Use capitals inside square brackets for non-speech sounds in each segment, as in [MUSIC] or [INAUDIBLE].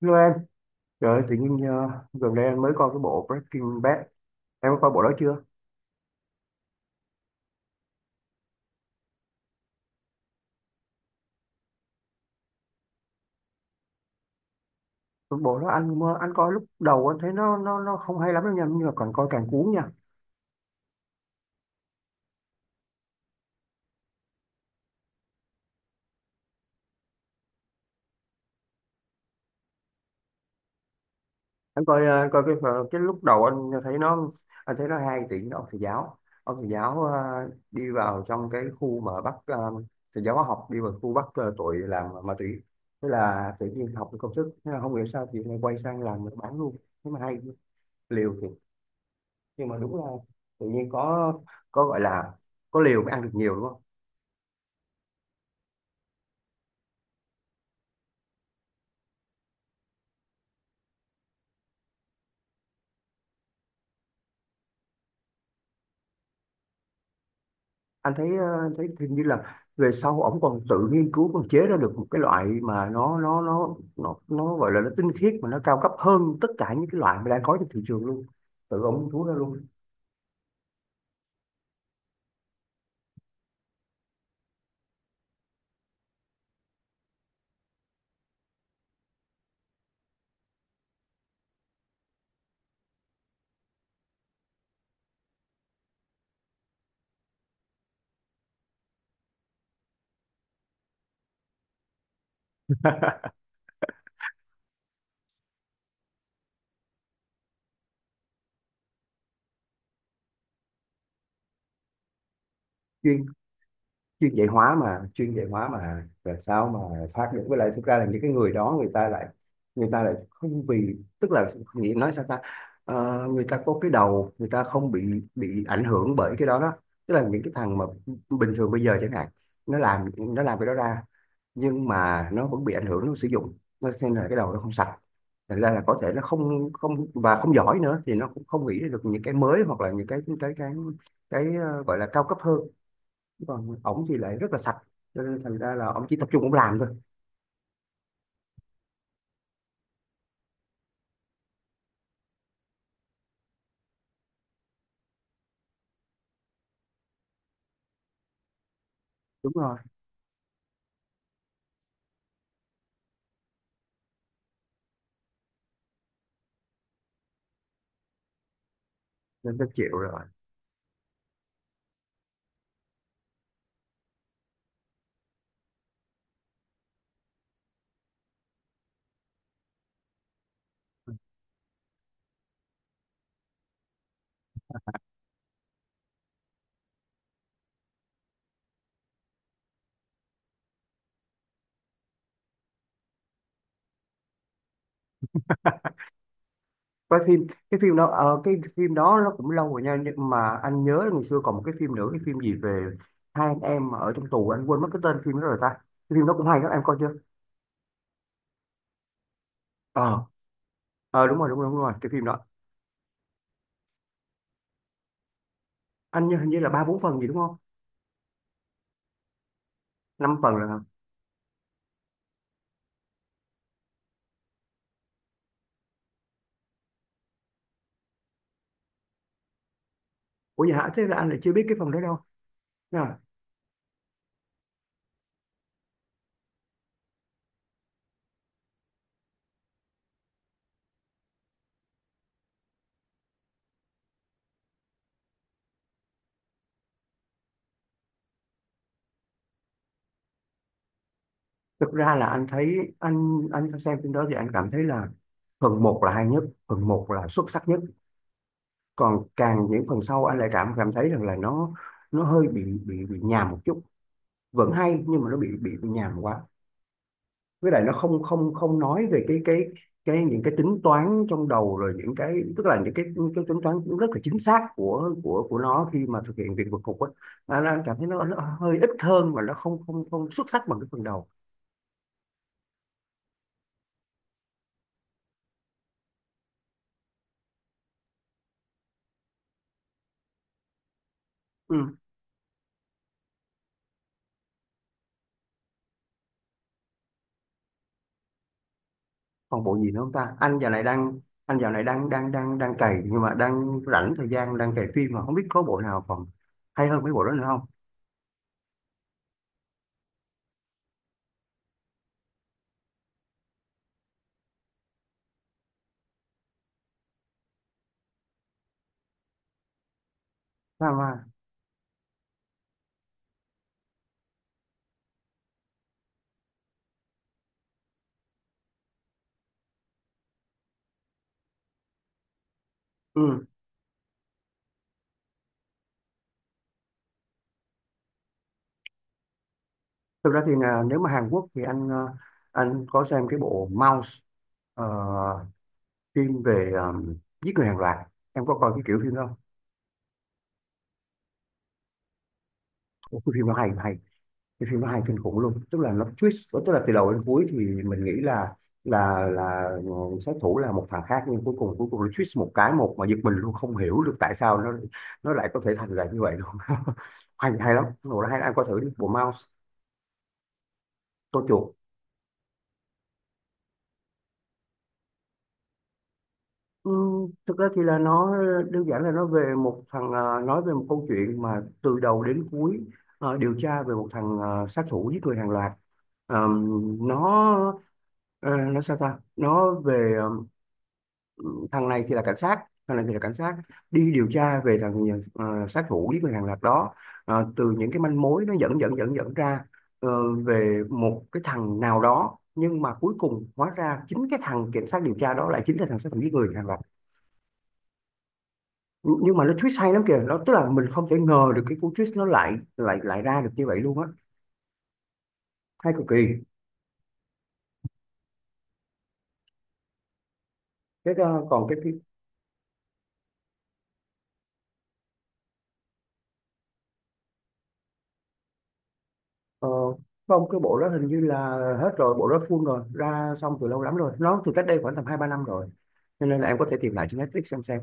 Hello em, trời ơi, tự nhiên gần đây anh mới coi cái bộ Breaking Bad. Em có coi bộ đó chưa? Cái bộ đó anh coi lúc đầu anh thấy nó không hay lắm đâu nha, nhưng mà càng coi càng cuốn nha. Anh coi cái lúc đầu anh thấy nó hay thì nó ông thầy giáo, ông thầy giáo ờ, đi vào trong cái khu mà thầy giáo hóa học đi vào khu tội làm ma túy. Thế là tự nhiên học được công thức, thế là không hiểu sao thì lại quay sang làm bán luôn. Thế mà hay, liều thiệt. Nhưng mà đúng là tự nhiên có gọi là có liều mới ăn được nhiều đúng không? Anh thấy hình như là về sau ổng còn tự nghiên cứu còn chế ra được một cái loại mà nó gọi là nó tinh khiết mà nó cao cấp hơn tất cả những cái loại mà đang có trên thị trường luôn, tự ổng thú ra luôn. Chuyên chuyên dạy hóa mà làm sao mà thoát được, với lại thực ra là những cái người đó người ta lại không, vì tức là nghĩ nói sao ta. Người ta có cái đầu, người ta không bị ảnh hưởng bởi cái đó đó, tức là những cái thằng mà bình thường bây giờ chẳng hạn nó làm cái đó ra, nhưng mà nó vẫn bị ảnh hưởng, nó sử dụng, nó xem là cái đầu nó không sạch, thành ra là có thể nó không không và không giỏi nữa thì nó cũng không nghĩ ra được những cái mới, hoặc là những gọi là cao cấp hơn, còn ổng thì lại rất là sạch, cho nên thành ra là ổng chỉ tập trung ổng làm thôi. Đúng rồi, nên tôi chịu rồi. [LAUGHS] Cái phim đó nó cũng lâu rồi nha, nhưng mà anh nhớ ngày xưa còn một cái phim nữa, cái phim gì về hai anh em ở trong tù, anh quên mất cái tên phim đó rồi ta. Cái phim đó cũng hay đó, em coi chưa? Ờ, ờ, đúng rồi, đúng rồi, đúng rồi, cái phim đó. Anh nhớ hình như là ba bốn phần gì đúng không? Năm phần là, ủa vậy hả? Thế là anh lại chưa biết cái phần đó đâu. À, thực ra là anh thấy anh xem phim đó thì anh cảm thấy là phần một là hay nhất, phần một là xuất sắc nhất, còn càng những phần sau anh lại cảm cảm thấy rằng là nó hơi bị nhàm một chút, vẫn hay nhưng mà nó bị nhàm quá, với lại nó không không không nói về cái những cái tính toán trong đầu, rồi những cái, tức là những cái tính toán cũng rất là chính xác của nó khi mà thực hiện việc vượt cục á, anh cảm thấy nó hơi ít hơn và nó không không không xuất sắc bằng cái phần đầu. Ừ. Còn bộ gì nữa không ta, anh dạo này đang đang đang đang cày, nhưng mà đang rảnh thời gian, đang cày phim mà không biết có bộ nào còn hay hơn mấy bộ đó nữa không. À, mà. Ừ. Thực ra thì là nếu mà Hàn Quốc thì anh có xem cái bộ Mouse, ờ, phim về giết người hàng loạt, em có coi cái kiểu phim đó không? Ủa, cái phim nó hay kinh khủng luôn, tức là nó twist, tức là từ đầu đến cuối thì mình nghĩ là sát thủ là một thằng khác, nhưng cuối cùng nó twist một cái, một mà giật mình luôn, không hiểu được tại sao nó lại có thể thành ra như vậy luôn. [LAUGHS] Hay hay lắm, bộ đó hay lắm. Anh coi thử đi, bộ Mouse, tôi chuột. Ừ, thực ra thì là nó đơn giản, là nó về một thằng à, nói về một câu chuyện mà từ đầu đến cuối à, điều tra về một thằng à, sát thủ giết người hàng loạt. Ờ, nó nó sao ta, nó về ờ, thằng này thì là cảnh sát, đi điều tra về sát thủ giết người hàng loạt đó. Từ những cái manh mối nó dẫn dẫn dẫn dẫn ra, về một cái thằng nào đó, nhưng mà cuối cùng hóa ra chính cái thằng cảnh sát điều tra đó lại chính là thằng sát thủ giết người hàng loạt. Nhưng mà nó twist hay lắm kìa, nó tức là mình không thể ngờ được cái cú twist nó lại lại lại ra được như vậy luôn á, hay cực kỳ. Cái ờ, còn cái phim- ờ, không, cái bộ đó hình như là hết rồi, bộ đó full rồi, ra xong từ lâu lắm rồi, nó từ cách đây khoảng tầm hai ba năm rồi, cho nên là em có thể tìm lại trên Netflix xem xem.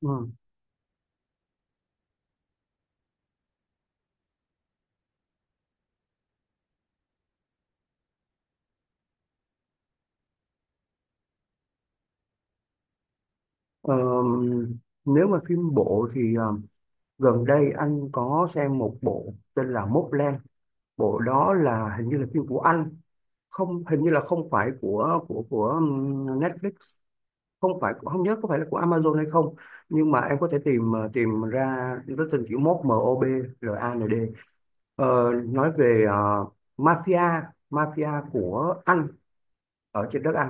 Ừ. Ờ, nếu mà phim bộ thì gần đây anh có xem một bộ tên là Mobland. Bộ đó là hình như là phim của anh, không, hình như là không phải của Netflix, không phải, không nhớ có phải là của Amazon hay không, nhưng mà em có thể tìm ra cái tên, chữ mốt Mobland. Nói về mafia mafia của Anh, ở trên đất Anh,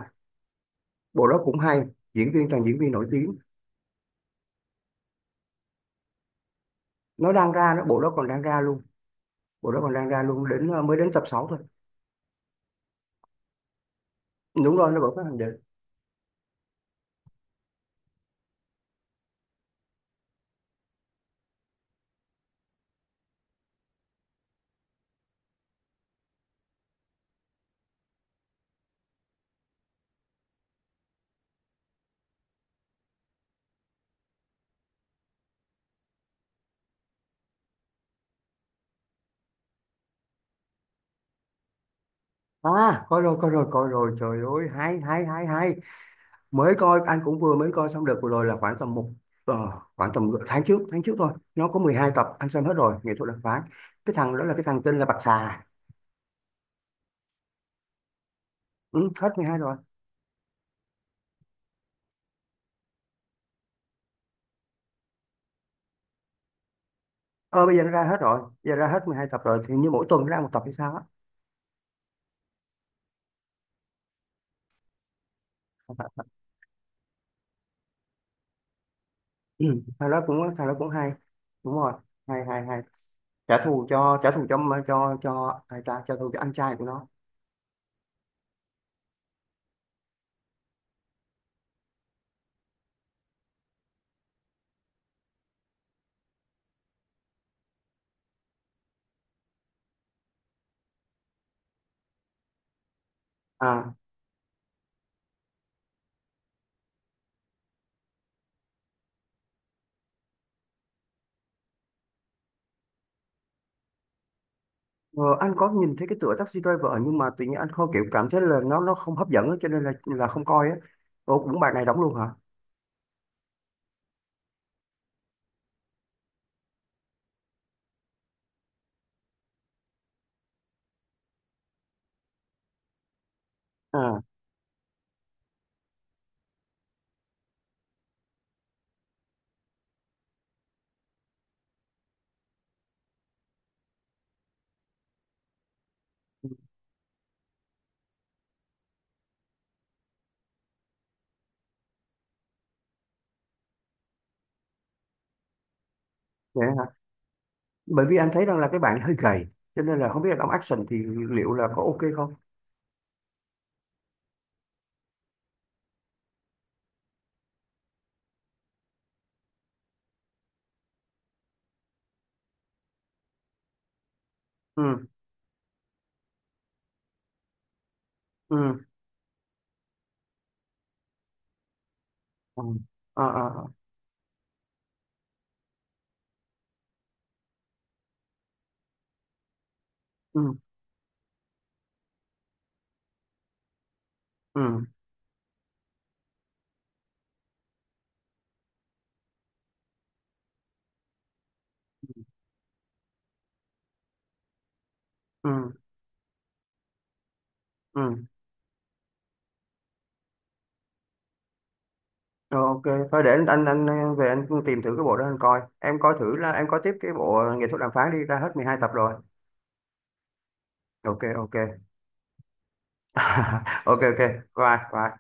bộ đó cũng hay, diễn viên toàn diễn viên nổi tiếng. Nó đang ra nó bộ đó còn đang ra luôn, đến mới đến tập 6 thôi. Đúng rồi, nó vẫn phát hành được. À, coi rồi, coi rồi, coi rồi, trời ơi, hay, hay, hay, hay. Mới coi anh cũng vừa mới coi xong được vừa rồi, là khoảng tầm ờ, khoảng tầm tháng trước thôi, nó có 12 tập, anh xem hết rồi, nghệ thuật đàm phán, cái thằng đó là cái thằng tên là Bạch Xà. Ừ, hết 12 rồi. Ờ bây giờ nó ra hết rồi, giờ ra hết 12 tập rồi thì như mỗi tuần nó ra một tập hay sao á. Ừ. Thằng đó cũng hay. Đúng rồi, hay, hay, hay. Trả thù cho cho ai ta, trả thù cho anh trai của nó. À, ờ, anh có nhìn thấy cái tựa Taxi Driver, nhưng mà tự nhiên anh không kiểu cảm thấy là nó không hấp dẫn á, cho nên là không coi á. Ủa, cũng bài này đóng luôn hả? À, vậy hả? Bởi vì anh thấy rằng là cái bạn hơi gầy, cho nên là không biết là đóng action thì liệu là có ok không? Ừ, ừ, ừ, à, à, à, ừ, ừ, ừ, ừ. Rồi, ok. Thôi để anh về, anh tìm thử cái bộ đó anh coi. Em coi thử, là em coi tiếp cái bộ nghệ thuật đàm phán đi, ra hết 12 tập rồi. Ok, ok. [LAUGHS] Ok, ok. Bye, bye.